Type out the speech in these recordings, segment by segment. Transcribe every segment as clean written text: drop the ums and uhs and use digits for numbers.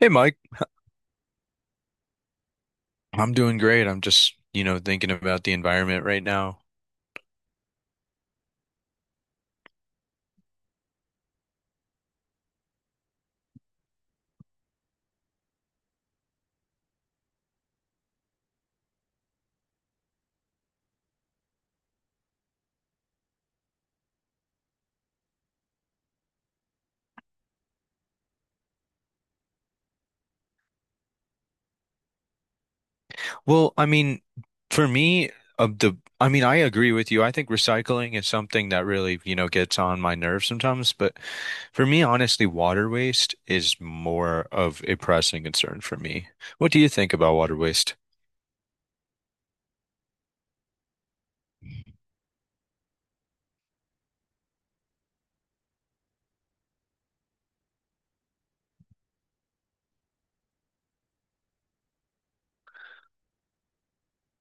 Hey Mike, I'm doing great. I'm just, you know, thinking about the environment right now. Well, I mean, for me, of the, I mean, I agree with you. I think recycling is something that really, you know, gets on my nerves sometimes. But for me, honestly, water waste is more of a pressing concern for me. What do you think about water waste?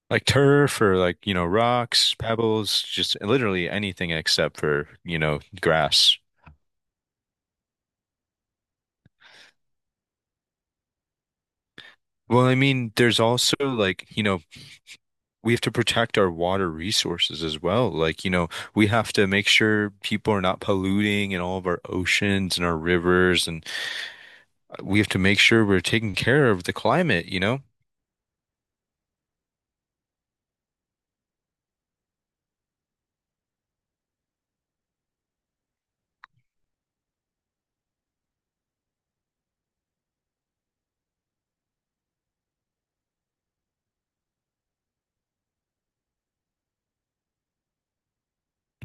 Like turf or like, you know, rocks, pebbles, just literally anything except for, you know, grass. Well, I mean, there's also like, you know, we have to protect our water resources as well. Like, you know, we have to make sure people are not polluting in all of our oceans and our rivers, and we have to make sure we're taking care of the climate, you know?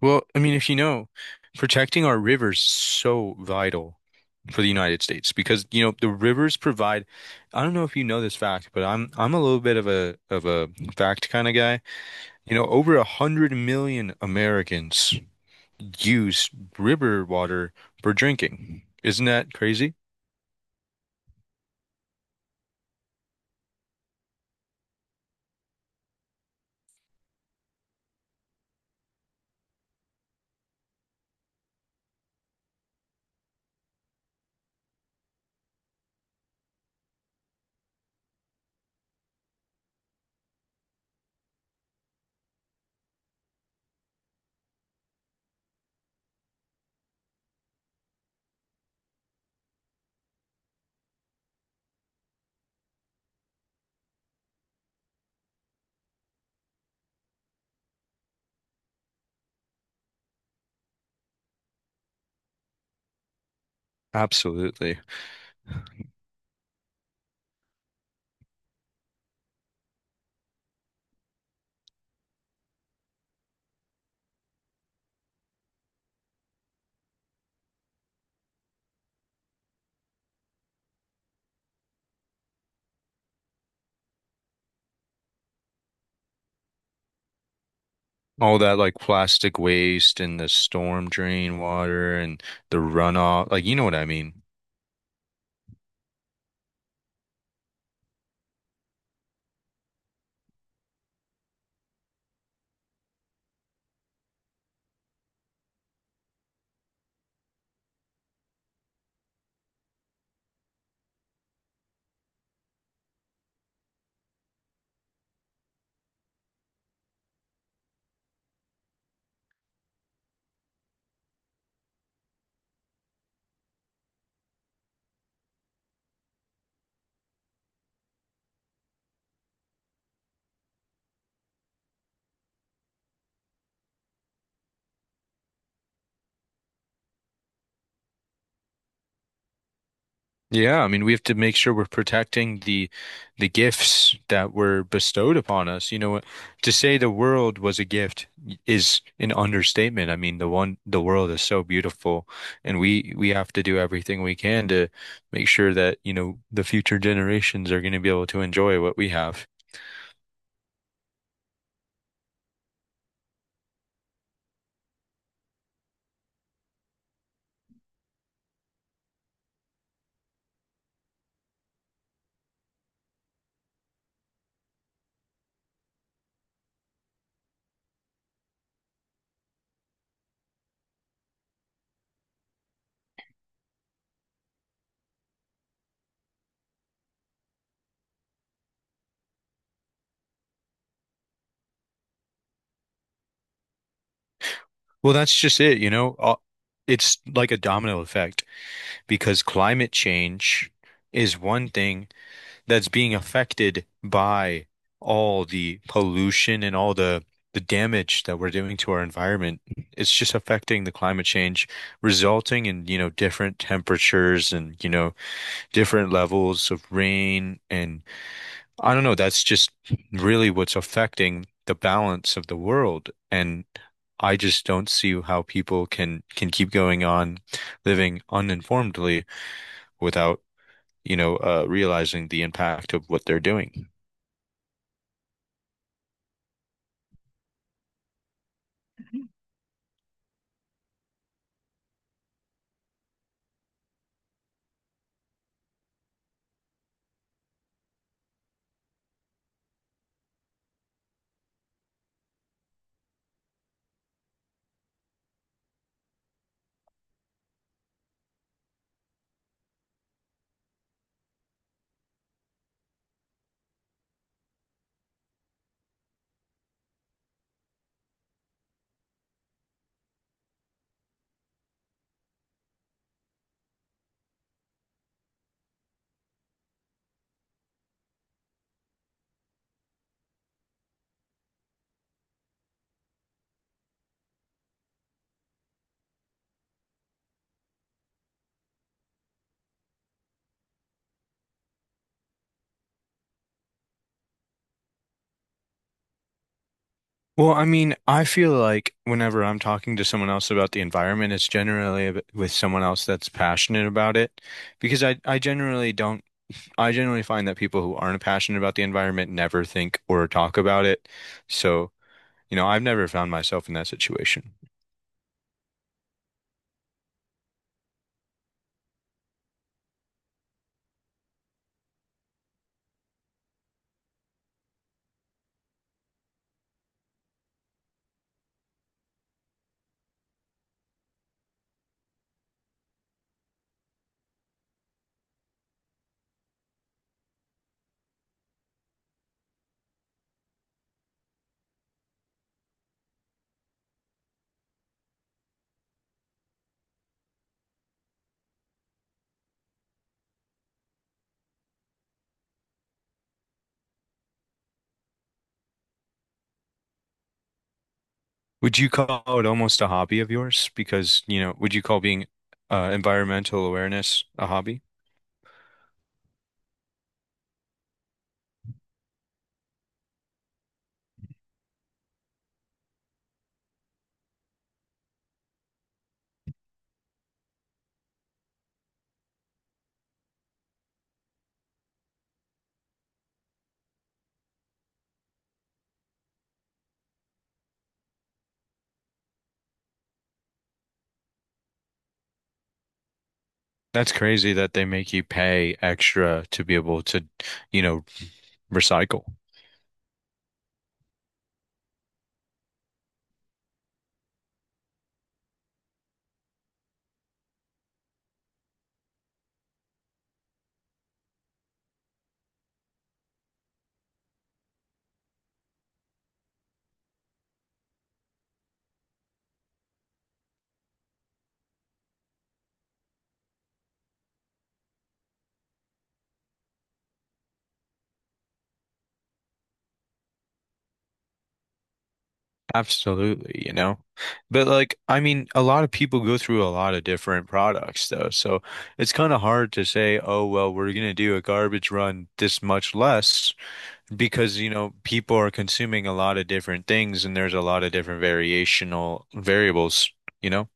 Well, I mean, if you know, protecting our rivers is so vital for the United States because, you know, the rivers provide, I don't know if you know this fact, but I'm a little bit of a fact kind of guy. You know, over 100 million Americans use river water for drinking. Isn't that crazy? Absolutely. All that like plastic waste and the storm drain water and the runoff, like you know what I mean. Yeah, I mean, we have to make sure we're protecting the gifts that were bestowed upon us. You know, to say the world was a gift is an understatement. I mean, the world is so beautiful, and we have to do everything we can to make sure that, you know, the future generations are going to be able to enjoy what we have. Well, that's just it, you know. It's like a domino effect because climate change is one thing that's being affected by all the pollution and all the damage that we're doing to our environment. It's just affecting the climate change, resulting in, you know, different temperatures and, you know, different levels of rain. And I don't know, that's just really what's affecting the balance of the world. And I just don't see how people can keep going on living uninformedly without, you know, realizing the impact of what they're doing. Well, I mean, I feel like whenever I'm talking to someone else about the environment, it's generally with someone else that's passionate about it because I generally don't, I generally find that people who aren't passionate about the environment never think or talk about it. So, you know, I've never found myself in that situation. Would you call it almost a hobby of yours? Because, you know, would you call being environmental awareness a hobby? That's crazy that they make you pay extra to be able to, you know, recycle. Absolutely, you know. But like, I mean, a lot of people go through a lot of different products though. So it's kind of hard to say, oh, well, we're going to do a garbage run this much less because you know people are consuming a lot of different things and there's a lot of different variational variables, you know.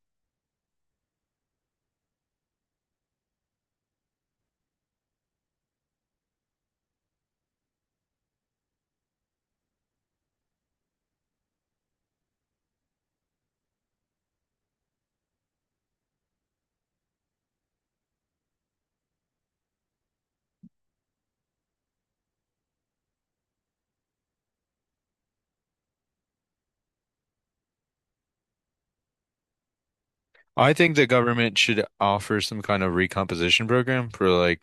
I think the government should offer some kind of recomposition program for like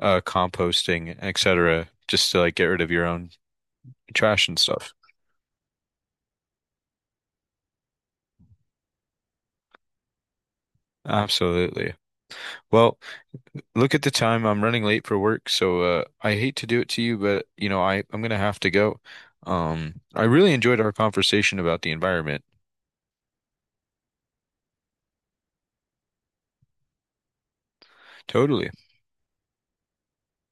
composting, etc., just to like get rid of your own trash and stuff. Absolutely. Well, look at the time. I'm running late for work, so I hate to do it to you, but you know I'm gonna have to go. I really enjoyed our conversation about the environment. Totally.